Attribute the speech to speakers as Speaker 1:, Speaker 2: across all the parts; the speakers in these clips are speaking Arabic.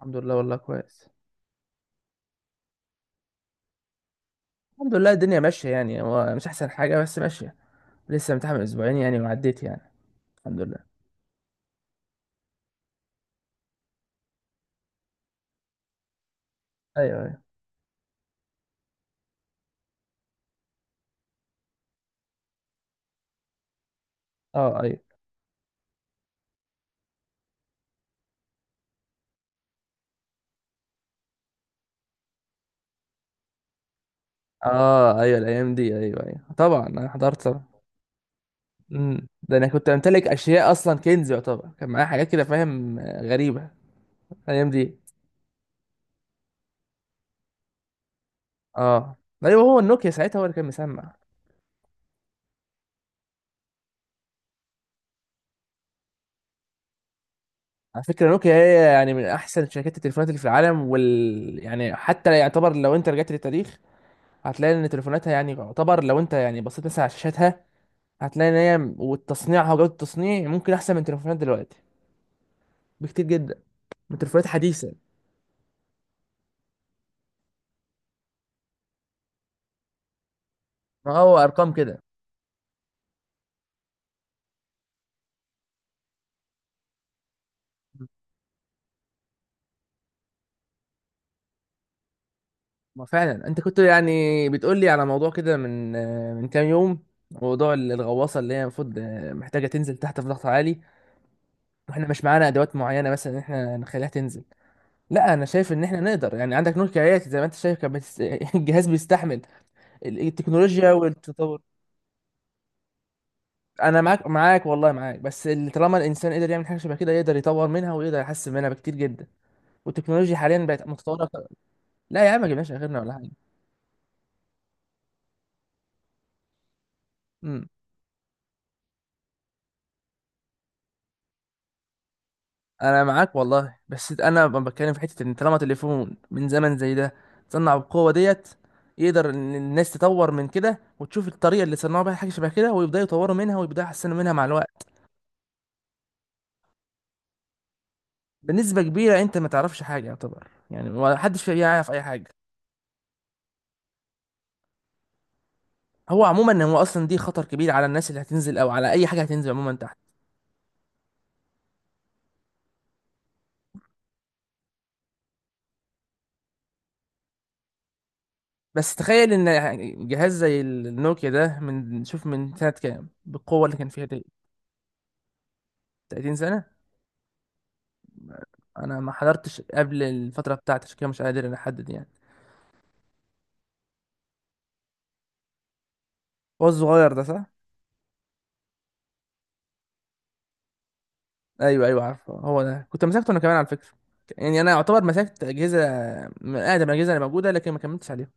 Speaker 1: الحمد لله، والله كويس. الحمد لله الدنيا ماشية يعني هو مش أحسن حاجة بس ماشية. لسه متعامل من أسبوعين يعني وعديت يعني. الحمد لله. أيوه أيوه. أه أيوه. أه أيوه الأيام دي، أيوه أيوه طبعا أنا حضرت طبعا. ده أنا كنت أمتلك أشياء أصلا، كنز يعتبر كان معايا حاجات كده، فاهم، غريبة. الأيام دي. أه أيوه، هو النوكيا ساعتها هو اللي كان مسمع. على فكرة نوكيا هي يعني من أحسن شركات التليفونات اللي في العالم، وال يعني حتى يعتبر لو أنت رجعت للتاريخ، هتلاقي إن تليفوناتها يعني يعتبر لو أنت يعني بصيت مثلا على شاشاتها، هتلاقي ان هي والتصنيع وجوده التصنيع ممكن احسن من تليفونات دلوقتي بكتير جدا، من تليفونات حديثه. ما هو ارقام كده. ما فعلا انت كنت يعني بتقول لي على موضوع كده من من كام يوم، موضوع الغواصه اللي هي المفروض محتاجه تنزل تحت في ضغط عالي، واحنا مش معانا ادوات معينه مثلا ان احنا نخليها تنزل. لا، انا شايف ان احنا نقدر يعني عندك نور كايات زي ما انت شايف، الجهاز بيستحمل التكنولوجيا والتطور. انا معاك معاك، والله معاك، بس اللي طالما الانسان قدر يعمل حاجه شبه كده يقدر يطور منها ويقدر يحسن منها بكتير جدا، والتكنولوجيا حاليا بقت متطوره لا يا عم، ما جبناش اخرنا ولا حاجه. امم انا معاك والله، بس انا بتكلم في حته ان طالما تليفون من زمن زي ده صنع بالقوه ديت، يقدر ان الناس تطور من كده وتشوف الطريقه اللي صنعوا بيها حاجه شبه كده، ويبداوا يطوروا منها ويبداوا يحسنوا منها مع الوقت. بنسبه كبيره انت ما تعرفش حاجه يعتبر يعني، ما حدش فيها يعرف اي حاجه. هو عموما هو اصلا دي خطر كبير على الناس اللي هتنزل، او على اي حاجه هتنزل عموما تحت. بس تخيل ان يعني جهاز زي النوكيا ده من شوف من سنة كام بالقوة اللي كان فيها دي. 30 سنة. انا ما حضرتش قبل الفترة بتاعتي، عشان كده مش قادر انا احدد يعني. هو الصغير ده صح؟ ايوه ايوه عارفه، هو ده كنت مسكته انا كمان على فكرة. يعني انا اعتبر مسكت اجهزة من اقدم الاجهزة اللي موجودة، لكن ما كملتش عليها.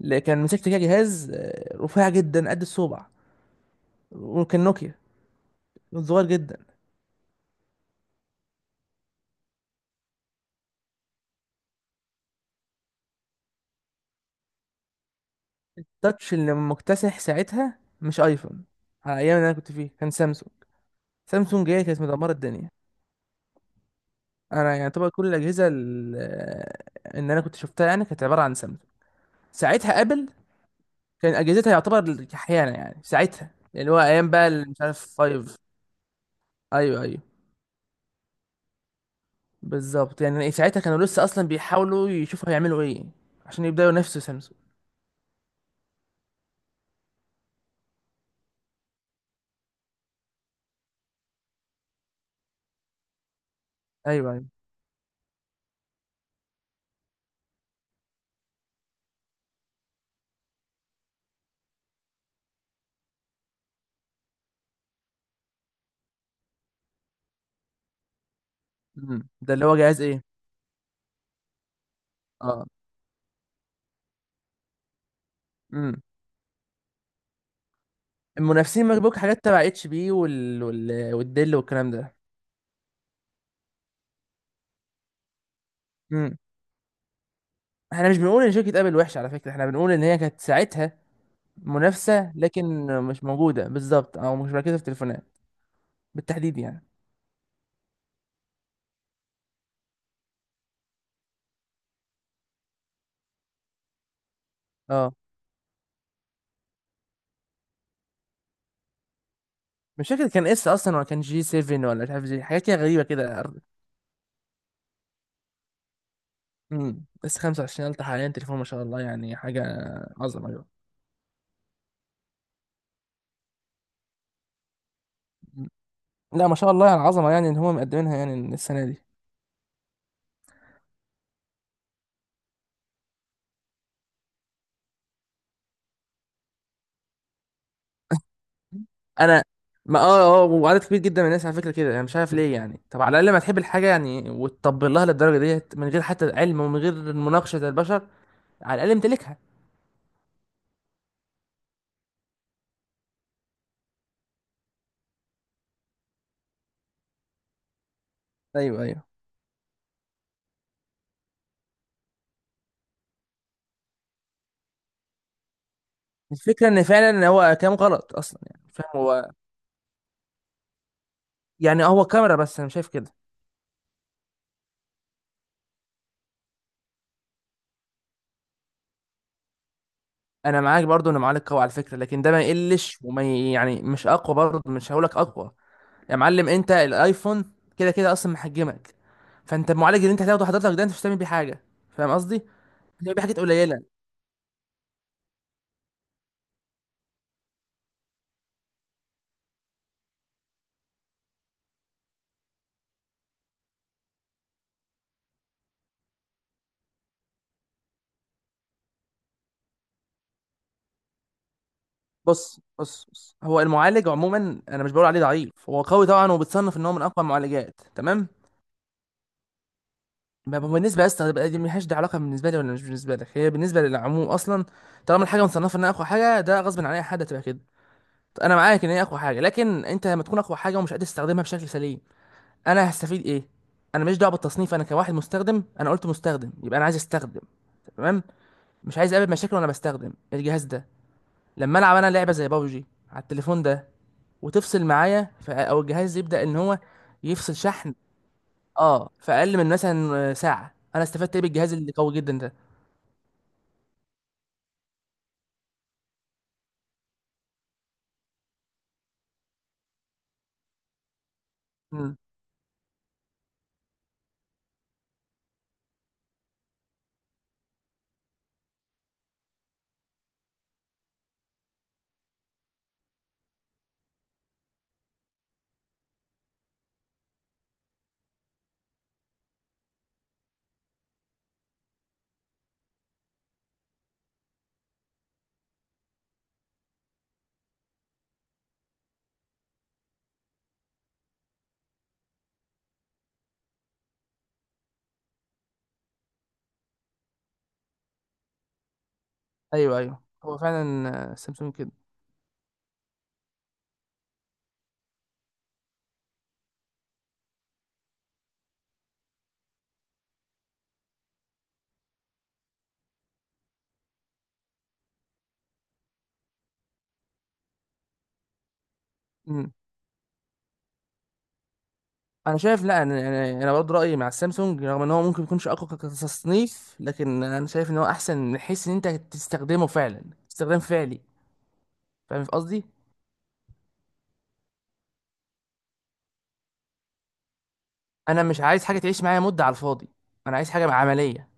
Speaker 1: لكن مسكت كده جهاز رفيع جدا قد الصبع، وكان نوكيا، صغير جدا. التاتش اللي مكتسح ساعتها مش ايفون، على ايام اللي انا كنت فيه كان سامسونج. سامسونج هي كانت مدمره الدنيا. انا يعني طبعا كل الاجهزه ان انا كنت شفتها يعني كانت عباره عن سامسونج. ساعتها ابل كان اجهزتها يعتبر احيانا يعني ساعتها اللي هو ايام بقى مش عارف 5. ايوه ايوه، بالظبط. يعني ساعتها كانوا لسه اصلا بيحاولوا يشوفوا هيعملوا ايه، عشان يبداوا ينافسوا سامسونج. ايوه ايوه. ده اللي هو جهاز ايه. اه. امم المنافسين ماك بوك حاجات تبع اتش بي والديل والكلام ده. امم احنا مش بنقول ان شركه ابل وحشه على فكره، احنا بنقول ان هي كانت ساعتها منافسة، لكن مش موجودة بالظبط او مش مركزة في التليفونات بالتحديد يعني. اه، مش فاكر كان اس اصلا ولا كان جي 7، ولا مش عارف جي حاجات كده غريبة كده. اس 25 الترا حاليا، تليفون ما شاء الله يعني حاجة. عظمة، أيوة. مم. لا، ما شاء الله على العظمة، يعني ان هم مقدمينها يعني السنة دي. انا ما وعدد كبير جدا من الناس على فكرة كده، انا مش عارف ليه يعني. طب على الاقل ما تحب الحاجة يعني، وتطبل لها للدرجة ديت من غير حتى علم ومن غير مناقشة البشر. على الاقل امتلكها. ايوه ايوه. الفكرة ان فعلا هو كلام غلط اصلا يعني، فاهم هو. يعني هو كاميرا، بس انا شايف كده. انا معاك برضو ان معلق قوي على فكرة، لكن ده ما يقلش وما يعني مش اقوى برضو، مش هقولك اقوى. يا معلم انت الايفون كده كده اصلا محجمك، فانت المعالج اللي انت هتاخده حضرتك ده انت مش هتعمل بيه حاجة. فاهم قصدي؟ هتعمل بيه حاجات قليلة. بص بص بص، هو المعالج عموما انا مش بقول عليه ضعيف، هو قوي طبعا وبتصنف ان هو من اقوى المعالجات، تمام. ما هو بالنسبه اصلا بقى دي ملهاش، دي علاقه بالنسبه لي ولا مش بالنسبه لك، هي بالنسبه للعموم اصلا. طالما الحاجه مصنفه انها اقوى حاجه، ده غصب عن اي حد هتبقى كده. انا معاك ان هي اقوى حاجه، لكن انت لما تكون اقوى حاجه ومش قادر تستخدمها بشكل سليم، انا هستفيد ايه؟ انا ماليش دعوه بالتصنيف، انا كواحد مستخدم انا قلت مستخدم، يبقى انا عايز استخدم. تمام. مش عايز اقابل مشاكل وانا بستخدم الجهاز ده. لما العب انا لعبه زي بابجي على التليفون ده، وتفصل معايا او الجهاز يبدا ان هو يفصل شحن، اه في اقل من مثلا ساعه، انا استفدت ايه بالجهاز اللي قوي جدا ده. امم ايوه ايوه، هو فعلا سامسونج كده. امم انا شايف، لا انا يعني انا برضه رايي مع السامسونج، رغم ان هو ممكن يكونش اقوى كتصنيف، لكن انا شايف ان هو احسن من حيث ان انت تستخدمه فعلا، استخدام فعلي. فاهم في قصدي. انا مش عايز حاجه تعيش معايا مده على الفاضي، انا عايز حاجه عمليه،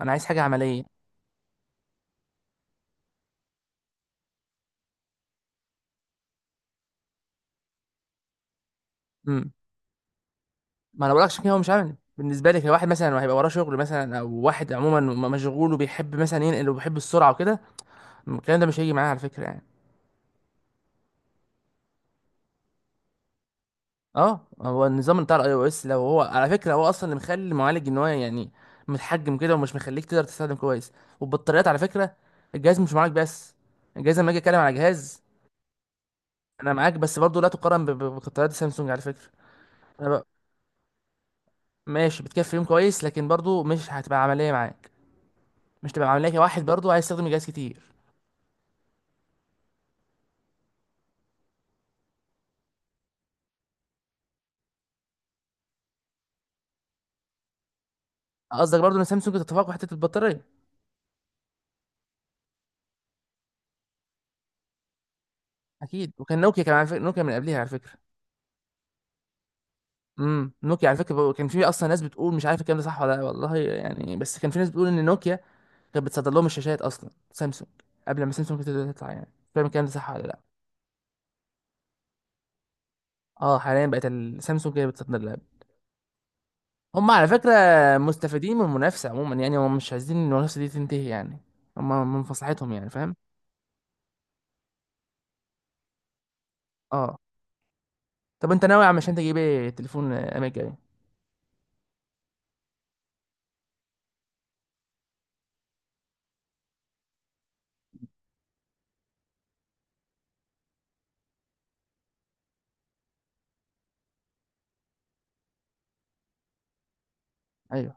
Speaker 1: انا عايز حاجه عمليه. امم ما انا بقولكش كده هو مش عملي بالنسبه لي، كواحد مثلا هيبقى وراه شغل مثلا، او واحد عموما مشغول وبيحب مثلا ينقل وبيحب السرعه وكده، الكلام ده مش هيجي معايا على فكره يعني. اه، هو النظام بتاع الاي او اس لو هو على فكره هو اصلا اللي مخلي المعالج ان هو يعني متحجم كده ومش مخليك تقدر تستخدم كويس. والبطاريات على فكره، الجهاز مش معاك بس، الجهاز لما اجي اتكلم على جهاز. انا معاك بس برضه لا تقارن ببطاريات سامسونج على فكره. انا بقى ماشي بتكفي يوم كويس، لكن برضه مش هتبقى عمليه معاك، مش تبقى عمليه كواحد برضه عايز يستخدم الجهاز كتير. قصدك برضه ان سامسونج تتفوق في حته البطاريه. اكيد، وكان نوكيا كمان على فكره، نوكيا من قبلها على فكره. نوكيا على فكره كان في اصلا ناس بتقول، مش عارف الكلام ده صح ولا لا والله يعني، بس كان في ناس بتقول ان نوكيا كانت بتصدر لهم الشاشات اصلا سامسونج، قبل ما سامسونج تبدا تطلع يعني، مش فاهم الكلام ده صح ولا لا. اه حاليا بقت سامسونج هي اللي بتصدر لها. هم على فكره مستفيدين من المنافسه عموما يعني، هم مش عايزين إن المنافسه دي تنتهي يعني، هم من مصلحتهم يعني، فاهم. اه. طب انت ناوي يا عم هشام تجيب ايه تليفون ايام الجاي؟ ايوه.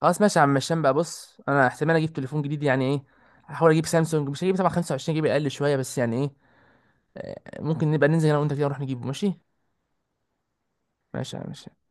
Speaker 1: خلاص ماشي يا عم هشام، بقى بص انا احتمال اجيب تليفون جديد يعني ايه، هحاول اجيب سامسونج، مش هجيب طبعا 25 جيجا، اقل شويه بس يعني ايه. ممكن نبقى ننزل هنا وانت كده نروح نجيبه ماشي. ماشي يا عم، ماشي.